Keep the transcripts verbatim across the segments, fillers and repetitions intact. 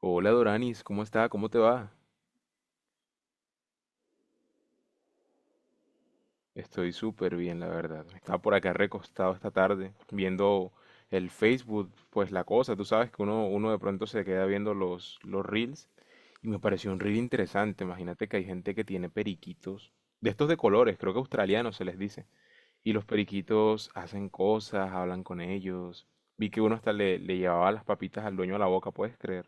Hola Doranis, ¿cómo está? ¿Cómo te va? Estoy súper bien, la verdad. Estaba por acá recostado esta tarde viendo el Facebook, pues la cosa, tú sabes que uno, uno de pronto se queda viendo los, los reels y me pareció un reel interesante. Imagínate que hay gente que tiene periquitos, de estos de colores, creo que australianos se les dice, y los periquitos hacen cosas, hablan con ellos. Vi que uno hasta le, le llevaba las papitas al dueño a la boca, ¿puedes creer?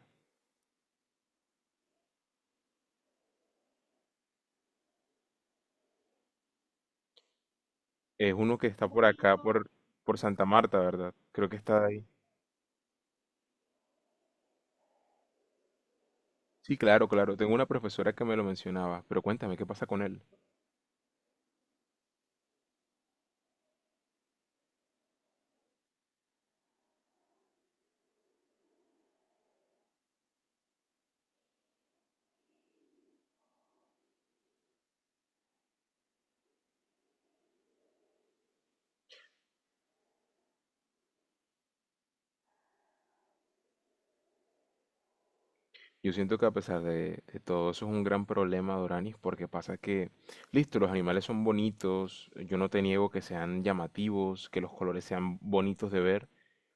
Es uno que está por acá, por, por Santa Marta, ¿verdad? Creo que está ahí. Sí, claro, claro. Tengo una profesora que me lo mencionaba, pero cuéntame, ¿qué pasa con él? Yo siento que a pesar de, de todo eso es un gran problema, Doranis, porque pasa que, listo, los animales son bonitos, yo no te niego que sean llamativos, que los colores sean bonitos de ver,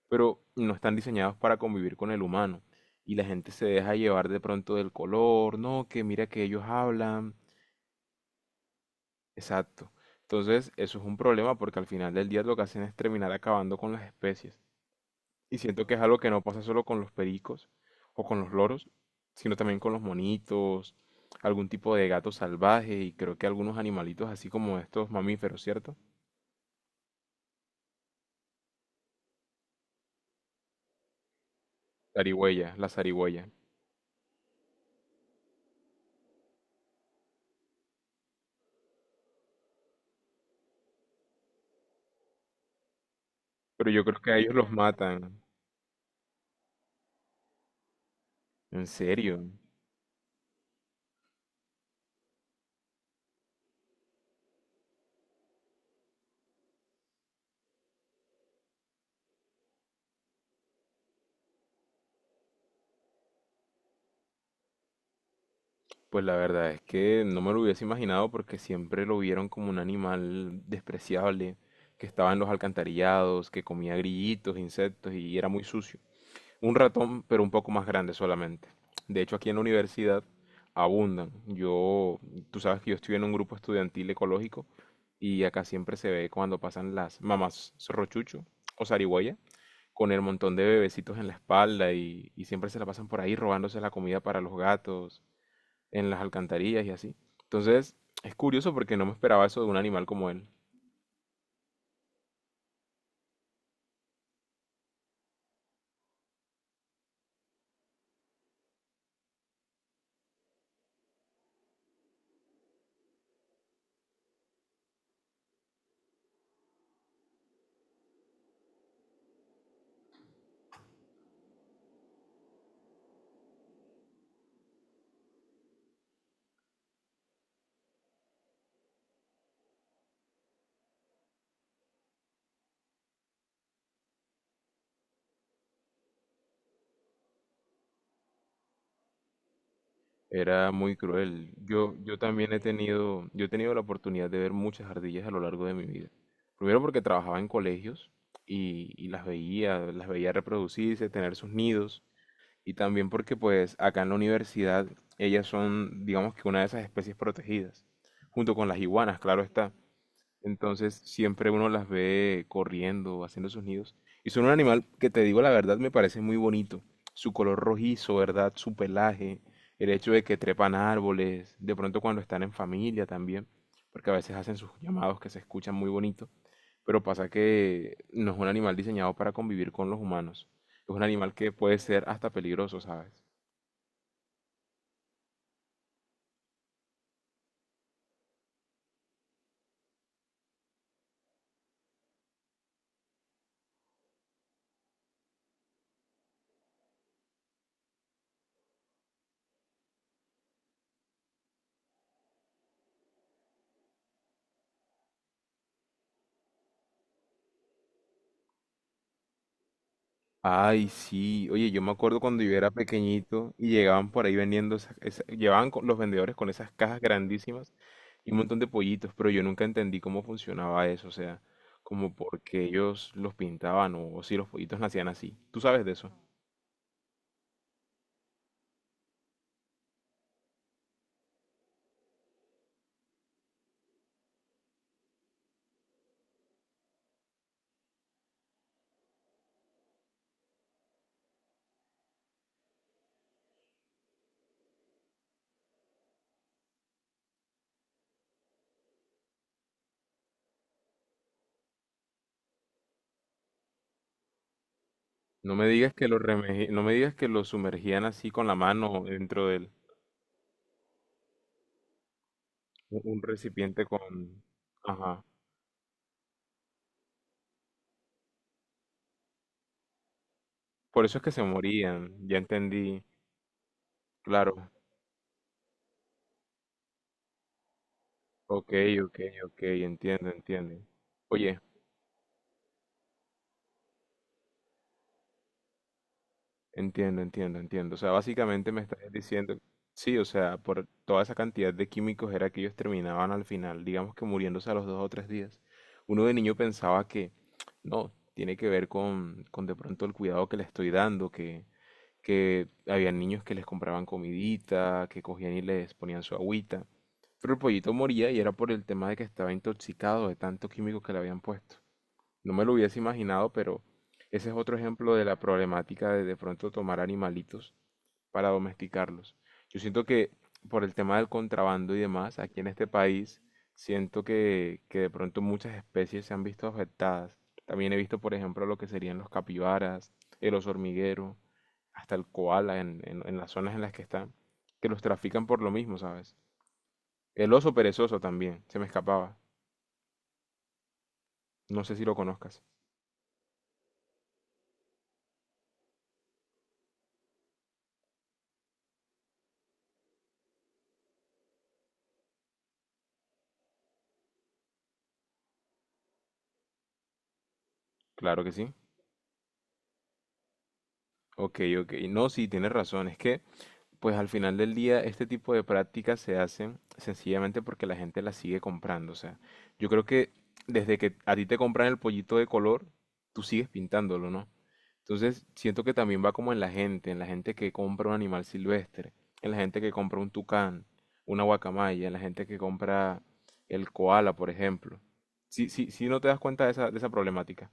pero no están diseñados para convivir con el humano. Y la gente se deja llevar de pronto del color, no, que mira que ellos hablan. Exacto. Entonces, eso es un problema porque al final del día lo que hacen es terminar acabando con las especies. Y siento que es algo que no pasa solo con los pericos o con los loros, sino también con los monitos, algún tipo de gato salvaje y creo que algunos animalitos así como estos mamíferos, ¿cierto? Zarigüeya, la zarigüeya. Pero yo creo que a ellos los matan. ¿En serio? Pues la verdad es que no me lo hubiese imaginado porque siempre lo vieron como un animal despreciable, que estaba en los alcantarillados, que comía grillitos, insectos y era muy sucio. Un ratón, pero un poco más grande solamente. De hecho, aquí en la universidad abundan. Yo, tú sabes que yo estoy en un grupo estudiantil ecológico y acá siempre se ve cuando pasan las mamás rochucho o zarigüeya con el montón de bebecitos en la espalda y, y siempre se la pasan por ahí robándose la comida para los gatos, en las alcantarillas y así. Entonces, es curioso porque no me esperaba eso de un animal como él. Era muy cruel. Yo, yo también he tenido, yo he tenido la oportunidad de ver muchas ardillas a lo largo de mi vida. Primero porque trabajaba en colegios y, y las veía, las veía reproducirse, tener sus nidos. Y también porque pues acá en la universidad ellas son, digamos que una de esas especies protegidas, junto con las iguanas, claro está. Entonces siempre uno las ve corriendo, haciendo sus nidos. Y son un animal que te digo la verdad me parece muy bonito. Su color rojizo, ¿verdad? Su pelaje, el hecho de que trepan árboles, de pronto cuando están en familia también, porque a veces hacen sus llamados que se escuchan muy bonito, pero pasa que no es un animal diseñado para convivir con los humanos. Es un animal que puede ser hasta peligroso, ¿sabes? Ay, sí. Oye, yo me acuerdo cuando yo era pequeñito y llegaban por ahí vendiendo esas, esa- llevaban co- los vendedores con esas cajas grandísimas y un montón de pollitos, pero yo nunca entendí cómo funcionaba eso, o sea, como por qué ellos los pintaban o, o si los pollitos nacían así. ¿Tú sabes de eso? No me digas que los remeji- no me digas que los sumergían así con la mano dentro del un un recipiente con, ajá. Por eso es que se morían. Ya entendí. Claro. Ok, ok, ok, entiendo, entiendo. Oye. Entiendo, entiendo, entiendo. O sea, básicamente me estás diciendo, sí, o sea, por toda esa cantidad de químicos era que ellos terminaban al final, digamos que muriéndose a los dos o tres días. Uno de niño pensaba que, no, tiene que ver con, con de pronto el cuidado que le estoy dando, que, que había niños que les compraban comidita, que cogían y les ponían su agüita. Pero el pollito moría y era por el tema de que estaba intoxicado de tanto químico que le habían puesto. No me lo hubiese imaginado, pero ese es otro ejemplo de la problemática de de pronto tomar animalitos para domesticarlos. Yo siento que por el tema del contrabando y demás, aquí en este país, siento que, que de pronto muchas especies se han visto afectadas. También he visto, por ejemplo, lo que serían los capibaras, el oso hormiguero, hasta el koala en, en- en las zonas en las que están, que los trafican por lo mismo, ¿sabes? El oso perezoso también, se me escapaba. No sé si lo conozcas. Claro que sí. Ok, ok. No, sí, tienes razón. Es que, pues al final del día, este tipo de prácticas se hacen sencillamente porque la gente las sigue comprando. O sea, yo creo que desde que a ti te compran el pollito de color, tú sigues pintándolo, ¿no? Entonces, siento que también va como en la gente, en la gente que compra un animal silvestre, en la gente que compra un tucán, una guacamaya, en la gente que compra el koala, por ejemplo. Sí, sí, sí, no te das cuenta de esa, de esa problemática.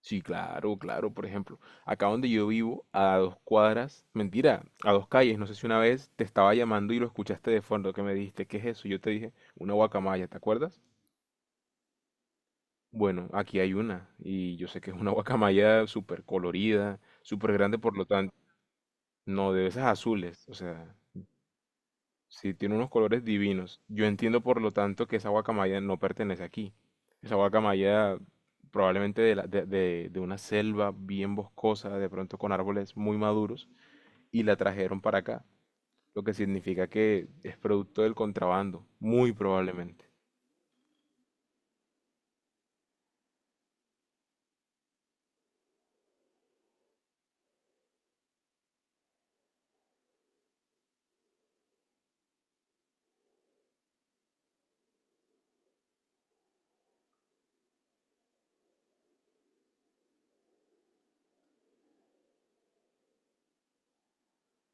Sí, claro, claro. Por ejemplo, acá donde yo vivo, a dos cuadras, mentira, a dos calles, no sé si una vez te estaba llamando y lo escuchaste de fondo, que me dijiste, ¿qué es eso? Yo te dije, una guacamaya, ¿te acuerdas? Bueno, aquí hay una, y yo sé que es una guacamaya súper colorida, súper grande, por lo tanto, no, de esas azules, o sea, sí, tiene unos colores divinos. Yo entiendo, por lo tanto, que esa guacamaya no pertenece aquí. Esa guacamaya probablemente de, la- de- de- de una selva bien boscosa, de pronto con árboles muy maduros, y la trajeron para acá, lo que significa que es producto del contrabando, muy probablemente.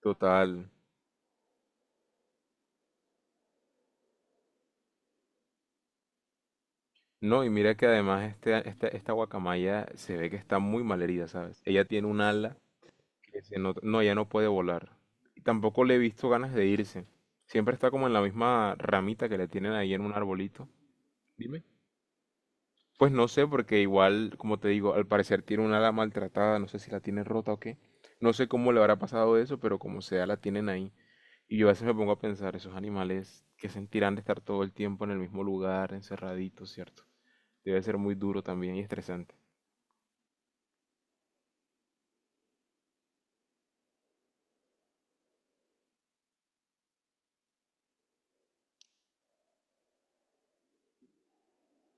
Total. No, y mira que además este- esta, esta guacamaya se ve que está muy mal herida, ¿sabes? Ella tiene un ala que se nota- No, ya no puede volar. Y tampoco le he visto ganas de irse. Siempre está como en la misma ramita que le tienen ahí en un arbolito. Dime. Pues no sé, porque igual, como te digo, al parecer tiene un ala maltratada, no sé si la tiene rota o qué. No sé cómo le habrá pasado eso, pero como sea, la tienen ahí. Y yo a veces me pongo a pensar, esos animales que sentirán de estar todo el tiempo en el mismo lugar, encerraditos, ¿cierto? Debe ser muy duro también y estresante.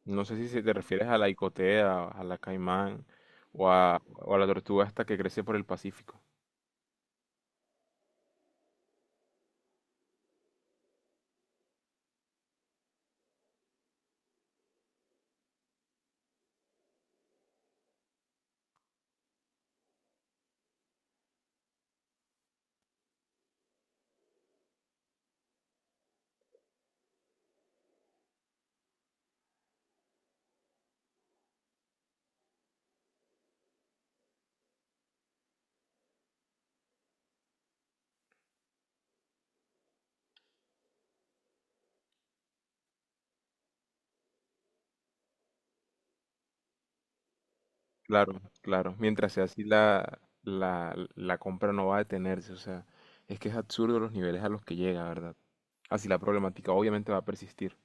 No sé si se te refieres a la icotea, a la caimán o a, o a la tortuga hasta que crece por el Pacífico. Claro, claro. Mientras sea así, la, la, la compra no va a detenerse. O sea, es que es absurdo los niveles a los que llega, ¿verdad? Así la problemática obviamente va a persistir.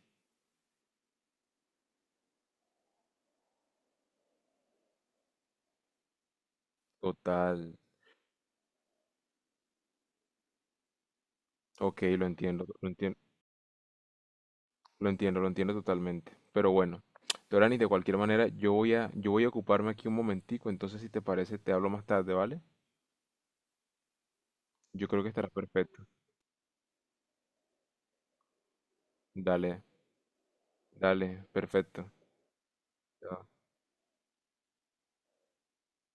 Total. Ok, lo entiendo, lo entiendo, lo entiendo, lo entiendo totalmente. Pero bueno, Dorani, de cualquier manera, yo voy a, yo voy a ocuparme aquí un momentico. Entonces, si te parece, te hablo más tarde, ¿vale? Yo creo que estará perfecto. Dale. Dale, perfecto.